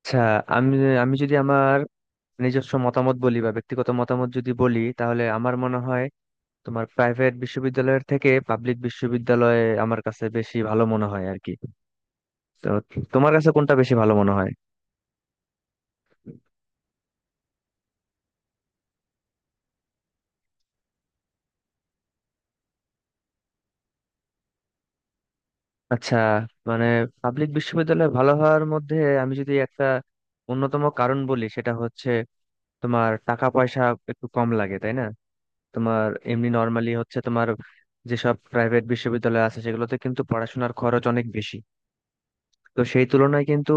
আচ্ছা। আমি আমি যদি আমার নিজস্ব মতামত বলি বা ব্যক্তিগত মতামত যদি বলি, তাহলে আমার মনে হয় তোমার প্রাইভেট বিশ্ববিদ্যালয়ের থেকে পাবলিক বিশ্ববিদ্যালয়ে আমার কাছে বেশি ভালো মনে হয় আর কি। তো তোমার কাছে কোনটা বেশি ভালো মনে হয়? আচ্ছা, মানে পাবলিক বিশ্ববিদ্যালয়ে ভালো হওয়ার মধ্যে আমি যদি একটা অন্যতম কারণ বলি, সেটা হচ্ছে তোমার টাকা পয়সা একটু কম লাগে, তাই না। তোমার এমনি নর্মালি হচ্ছে তোমার যেসব প্রাইভেট বিশ্ববিদ্যালয় আছে সেগুলোতে কিন্তু পড়াশোনার খরচ অনেক বেশি। তো সেই তুলনায় কিন্তু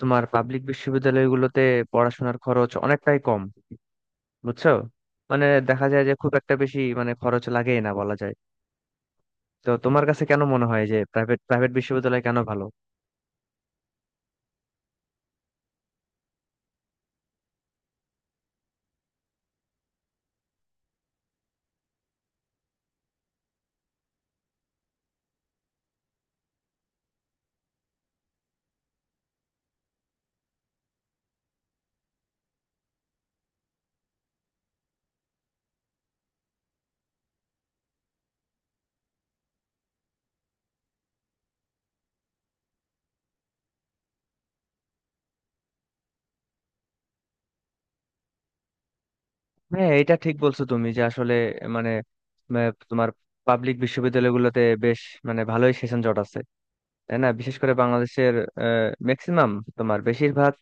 তোমার পাবলিক বিশ্ববিদ্যালয়গুলোতে পড়াশোনার খরচ অনেকটাই কম। বুঝছো, মানে দেখা যায় যে খুব একটা বেশি মানে খরচ লাগেই না বলা যায়। তো তোমার কাছে কেন মনে হয় যে প্রাইভেট প্রাইভেট বিশ্ববিদ্যালয় কেন ভালো? হ্যাঁ, এটা ঠিক বলছো তুমি যে আসলে মানে আহ, তোমার পাবলিক বিশ্ববিদ্যালয়গুলোতে বেশ মানে ভালোই সেশন জট আছে, তাই না। বিশেষ করে বাংলাদেশের ম্যাক্সিমাম তোমার বেশিরভাগ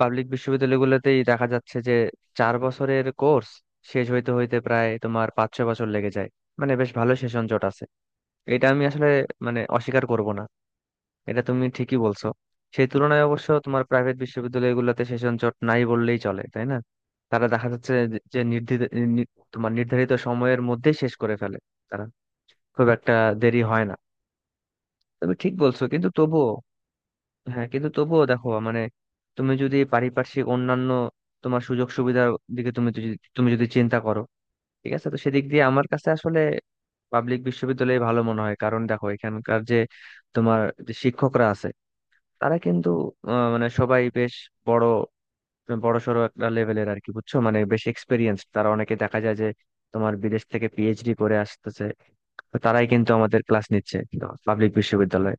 পাবলিক বিশ্ববিদ্যালয়গুলোতেই দেখা যাচ্ছে যে 4 বছরের কোর্স শেষ হইতে হইতে প্রায় তোমার 5-6 বছর লেগে যায়। মানে বেশ ভালো সেশন জট আছে। এটা আমি আসলে মানে অস্বীকার করব না, এটা তুমি ঠিকই বলছো। সেই তুলনায় অবশ্য তোমার প্রাইভেট বিশ্ববিদ্যালয়গুলোতে সেশন জট নাই বললেই চলে, তাই না। তারা দেখা যাচ্ছে যে যে তোমার নির্ধারিত সময়ের মধ্যেই শেষ করে ফেলে। তারা খুব একটা দেরি হয় না। তুমি ঠিক বলছো, কিন্তু তবুও। হ্যাঁ, কিন্তু তবুও দেখো মানে তুমি যদি পারিপার্শ্বিক অন্যান্য তোমার সুযোগ সুবিধার দিকে তুমি যদি চিন্তা করো, ঠিক আছে। তো সেদিক দিয়ে আমার কাছে আসলে পাবলিক বিশ্ববিদ্যালয় ভালো মনে হয়, কারণ দেখো এখানকার যে তোমার যে শিক্ষকরা আছে তারা কিন্তু মানে সবাই বেশ বড় বড়সড় একটা লেভেলের আর কি। বুঝছো মানে বেশ এক্সপিরিয়েন্স, তারা অনেকে দেখা যায় যে তোমার বিদেশ থেকে পিএইচডি করে আসতেছে। তো তারাই কিন্তু আমাদের ক্লাস নিচ্ছে পাবলিক বিশ্ববিদ্যালয়ে।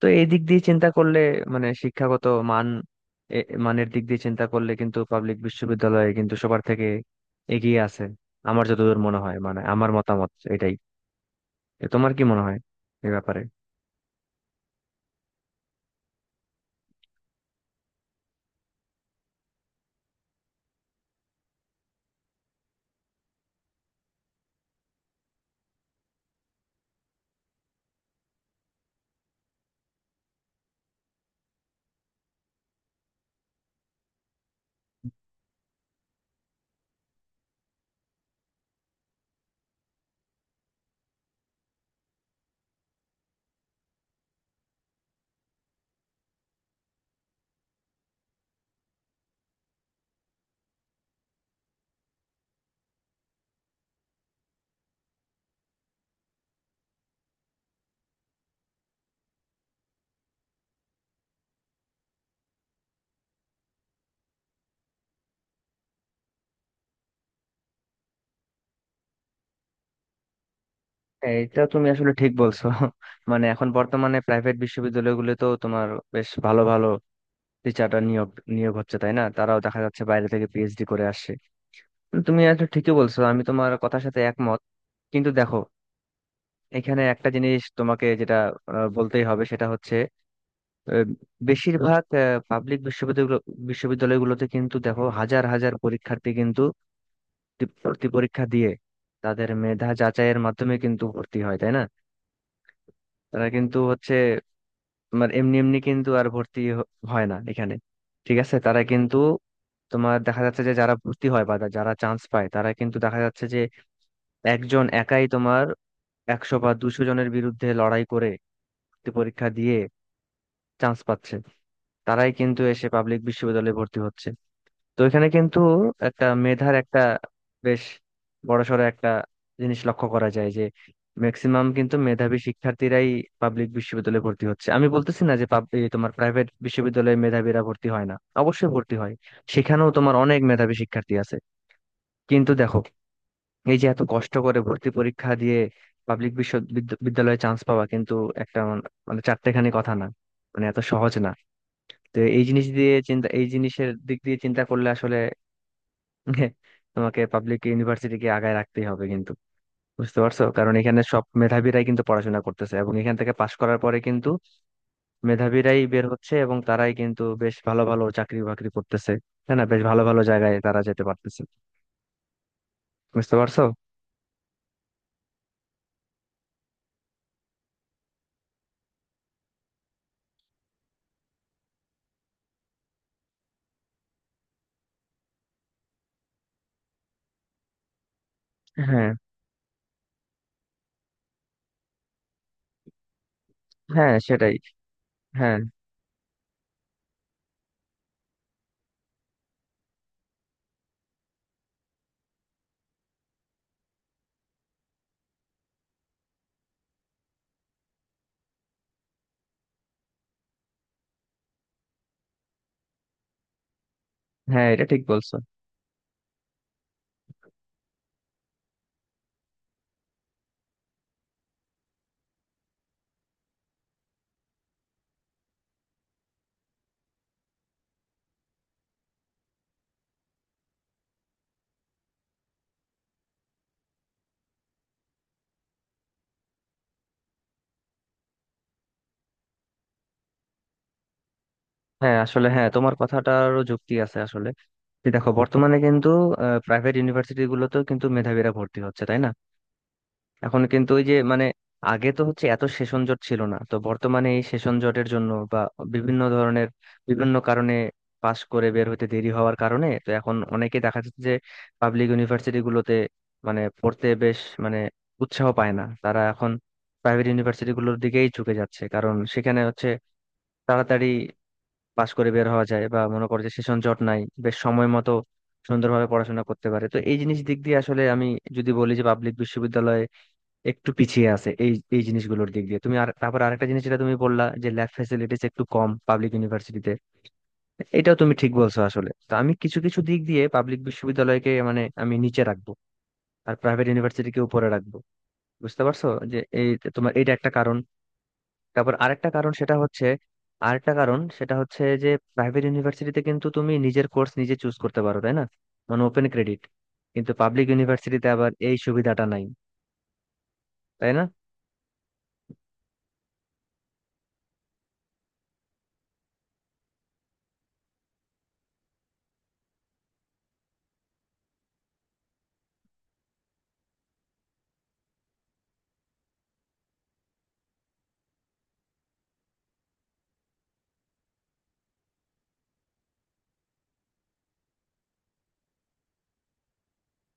তো এই দিক দিয়ে চিন্তা করলে মানে শিক্ষাগত মান এ- মানের দিক দিয়ে চিন্তা করলে কিন্তু পাবলিক বিশ্ববিদ্যালয়ে কিন্তু সবার থেকে এগিয়ে আছে আমার যতদূর মনে হয়। মানে আমার মতামত এটাই। তো তোমার কি মনে হয় এই ব্যাপারে? হ্যাঁ, এটা তুমি আসলে ঠিক বলছো। মানে এখন বর্তমানে প্রাইভেট বিশ্ববিদ্যালয়গুলো তো তোমার বেশ ভালো ভালো টিচাররা নিয়োগ নিয়োগ হচ্ছে, তাই না। তারাও দেখা যাচ্ছে বাইরে থেকে পিএইচডি করে আসছে। তুমি আসলে ঠিকই বলছো, আমি তোমার কথার সাথে একমত। কিন্তু দেখো, এখানে একটা জিনিস তোমাকে যেটা বলতেই হবে সেটা হচ্ছে, আহ, বেশিরভাগ পাবলিক বিশ্ববিদ্যালয়গুলো বিশ্ববিদ্যালয়গুলোতে কিন্তু দেখো হাজার হাজার পরীক্ষার্থী কিন্তু ভর্তি পরীক্ষা দিয়ে তাদের মেধা যাচাইয়ের মাধ্যমে কিন্তু ভর্তি হয়, তাই না। তারা কিন্তু হচ্ছে তোমার এমনি এমনি কিন্তু আর হয় না এখানে। ঠিক আছে, তারা কিন্তু তোমার দেখা যাচ্ছে যে যারা ভর্তি হয় বা যারা চান্স পায় তারা কিন্তু দেখা যাচ্ছে যে একজন একাই তোমার 100 বা 200 জনের বিরুদ্ধে লড়াই করে ভর্তি পরীক্ষা দিয়ে চান্স পাচ্ছে। তারাই কিন্তু এসে পাবলিক বিশ্ববিদ্যালয়ে ভর্তি হচ্ছে। তো এখানে কিন্তু একটা মেধার একটা বেশ বড়সড় একটা জিনিস লক্ষ্য করা যায় যে ম্যাক্সিমাম কিন্তু মেধাবী শিক্ষার্থীরাই পাবলিক বিশ্ববিদ্যালয়ে ভর্তি হচ্ছে। আমি বলতেছি না যে এই তোমার প্রাইভেট বিশ্ববিদ্যালয়ে মেধাবীরা ভর্তি হয় না, অবশ্যই ভর্তি হয়। সেখানেও তোমার অনেক মেধাবী শিক্ষার্থী আছে। কিন্তু দেখো, এই যে এত কষ্ট করে ভর্তি পরীক্ষা দিয়ে পাবলিক বিশ্ববিদ্যালয়ে চান্স পাওয়া কিন্তু একটা মানে চারটেখানি কথা না, মানে এত সহজ না। তো এই জিনিসের দিক দিয়ে চিন্তা করলে আসলে হ্যাঁ, তোমাকে পাবলিক ইউনিভার্সিটিকে আগায় রাখতেই হবে কিন্তু। বুঝতে পারছো, কারণ এখানে সব মেধাবীরাই কিন্তু পড়াশোনা করতেছে, এবং এখান থেকে পাশ করার পরে কিন্তু মেধাবীরাই বের হচ্ছে এবং তারাই কিন্তু বেশ ভালো ভালো চাকরি বাকরি করতেছে। হ্যাঁ না, বেশ ভালো ভালো জায়গায় তারা যেতে পারতেছে। বুঝতে পারছো। হ্যাঁ, হ্যাঁ, সেটাই। হ্যাঁ, হ্যাঁ, এটা ঠিক বলছো। হ্যাঁ আসলে, হ্যাঁ তোমার কথাটারও যুক্তি আছে আসলে। যে দেখো, বর্তমানে কিন্তু প্রাইভেট ইউনিভার্সিটি গুলোতেও কিন্তু মেধাবীরা ভর্তি হচ্ছে, তাই না। এখন কিন্তু ওই যে মানে আগে তো হচ্ছে এত সেশন জট ছিল না, তো বর্তমানে এই সেশন জটের জন্য বা বিভিন্ন ধরনের বিভিন্ন কারণে পাশ করে বের হতে দেরি হওয়ার কারণে তো এখন অনেকে দেখা যাচ্ছে যে পাবলিক ইউনিভার্সিটি গুলোতে মানে পড়তে বেশ মানে উৎসাহ পায় না। তারা এখন প্রাইভেট ইউনিভার্সিটি গুলোর দিকেই ঝুঁকে যাচ্ছে, কারণ সেখানে হচ্ছে তাড়াতাড়ি পাশ করে বের হওয়া যায় বা মনে করে যে সেশন জট নাই, বেশ সময় মতো সুন্দরভাবে পড়াশোনা করতে পারে। তো এই জিনিস দিক দিয়ে আসলে আমি যদি বলি যে পাবলিক বিশ্ববিদ্যালয়ে একটু পিছিয়ে আছে এই এই জিনিসগুলোর দিক দিয়ে তুমি। আর তারপর আরেকটা জিনিস যেটা তুমি বললা যে ল্যাব ফ্যাসিলিটিস একটু কম পাবলিক ইউনিভার্সিটিতে, এটাও তুমি ঠিক বলছো আসলে। তো আমি কিছু কিছু দিক দিয়ে পাবলিক বিশ্ববিদ্যালয়কে মানে আমি নিচে রাখবো আর প্রাইভেট ইউনিভার্সিটিকে উপরে রাখবো। বুঝতে পারছো, যে এই তোমার এটা একটা কারণ। তারপর আরেকটা কারণ সেটা হচ্ছে, যে প্রাইভেট ইউনিভার্সিটিতে কিন্তু তুমি নিজের কোর্স নিজে চুজ করতে পারো, তাই না। মানে ওপেন ক্রেডিট। কিন্তু পাবলিক ইউনিভার্সিটিতে আবার এই সুবিধাটা নাই, তাই না।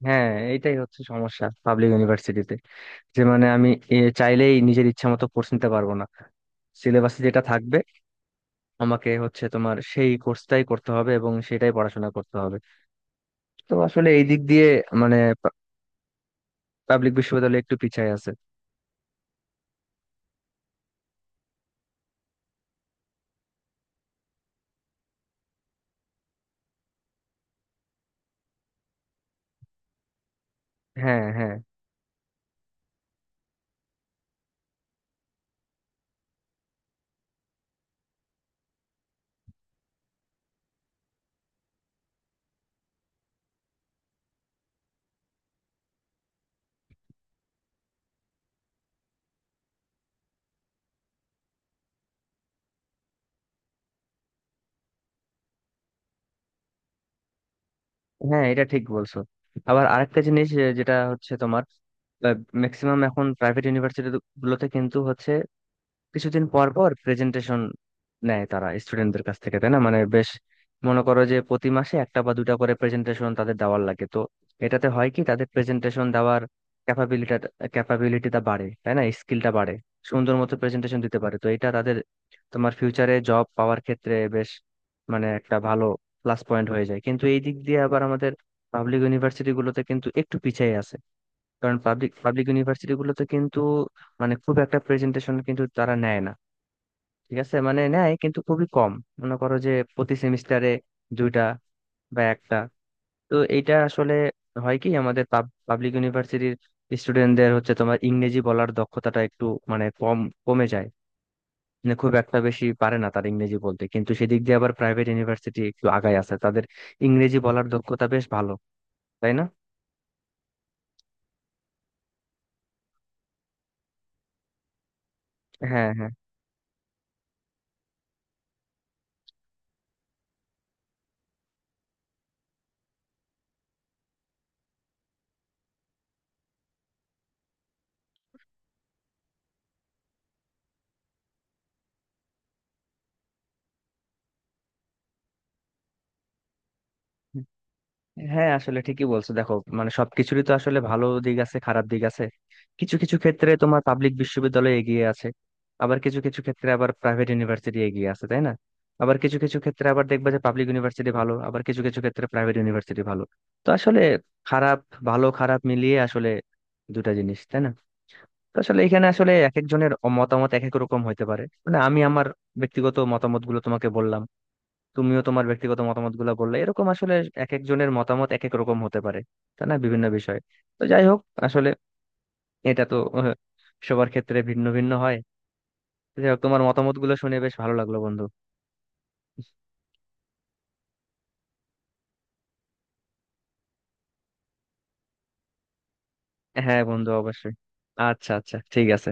হ্যাঁ, এটাই হচ্ছে সমস্যা পাবলিক ইউনিভার্সিটিতে, যে মানে আমি চাইলেই নিজের ইচ্ছা মতো কোর্স নিতে পারবো না। সিলেবাসে যেটা থাকবে আমাকে হচ্ছে তোমার সেই কোর্সটাই করতে হবে এবং সেটাই পড়াশোনা করতে হবে। তো আসলে এই দিক দিয়ে মানে পাবলিক বিশ্ববিদ্যালয় একটু পিছায় আছে। হ্যাঁ, হ্যাঁ, হ্যাঁ, এটা ঠিক বলছো। আবার আরেকটা জিনিস যেটা হচ্ছে তোমার ম্যাক্সিমাম এখন প্রাইভেট ইউনিভার্সিটি গুলোতে কিন্তু হচ্ছে কিছুদিন পর পর প্রেজেন্টেশন নেয় তারা স্টুডেন্টদের কাছ থেকে, তাই না। মানে বেশ, মনে করো যে প্রতি মাসে একটা বা দুটা করে প্রেজেন্টেশন তাদের দেওয়ার লাগে। তো এটাতে হয় কি তাদের প্রেজেন্টেশন দেওয়ার ক্যাপাবিলিটি ক্যাপাবিলিটিটা বাড়ে, তাই না। স্কিলটা বাড়ে, সুন্দর মতো প্রেজেন্টেশন দিতে পারে। তো এটা তাদের তোমার ফিউচারে জব পাওয়ার ক্ষেত্রে বেশ মানে একটা ভালো প্লাস পয়েন্ট হয়ে যায়। কিন্তু এই দিক দিয়ে আবার আমাদের পাবলিক ইউনিভার্সিটি গুলোতে কিন্তু একটু পিছিয়ে আছে, কারণ পাবলিক পাবলিক ইউনিভার্সিটি গুলোতে কিন্তু মানে খুব একটা প্রেজেন্টেশন কিন্তু তারা নেয় না। ঠিক আছে, মানে নেয় কিন্তু খুবই কম। মনে করো যে প্রতি সেমিস্টারে দুইটা বা একটা। তো এইটা আসলে হয় কি আমাদের পাবলিক ইউনিভার্সিটির স্টুডেন্টদের হচ্ছে তোমার ইংরেজি বলার দক্ষতাটা একটু মানে কম, কমে যায়। মানে খুব একটা বেশি পারে না তার ইংরেজি বলতে। কিন্তু সেদিক দিয়ে আবার প্রাইভেট ইউনিভার্সিটি একটু আগায় আছে, তাদের ইংরেজি বলার দক্ষতা বেশ ভালো, তাই না। হ্যাঁ, হ্যাঁ, হ্যাঁ আসলে ঠিকই বলছো। দেখো মানে সবকিছুরই তো আসলে ভালো দিক আছে, খারাপ দিক আছে। কিছু কিছু ক্ষেত্রে তোমার পাবলিক বিশ্ববিদ্যালয় এগিয়ে আছে, আবার কিছু কিছু ক্ষেত্রে আবার প্রাইভেট ইউনিভার্সিটি এগিয়ে আছে, তাই না। আবার কিছু কিছু ক্ষেত্রে আবার দেখবে যে পাবলিক ইউনিভার্সিটি ভালো, আবার কিছু কিছু ক্ষেত্রে প্রাইভেট ইউনিভার্সিটি ভালো। তো আসলে খারাপ ভালো খারাপ মিলিয়ে আসলে দুটা জিনিস, তাই না। তো আসলে এখানে আসলে এক একজনের মতামত এক এক রকম হইতে পারে। মানে আমি আমার ব্যক্তিগত মতামত গুলো তোমাকে বললাম, তুমিও তোমার ব্যক্তিগত মতামত গুলা বললে। এরকম আসলে এক একজনের মতামত এক এক রকম হতে পারে, তাই না, বিভিন্ন বিষয়ে। তো যাই হোক, আসলে এটা তো সবার ক্ষেত্রে ভিন্ন ভিন্ন হয়। যাই হোক, তোমার মতামত গুলো শুনে বেশ ভালো লাগলো বন্ধু। হ্যাঁ বন্ধু, অবশ্যই। আচ্ছা, আচ্ছা, ঠিক আছে।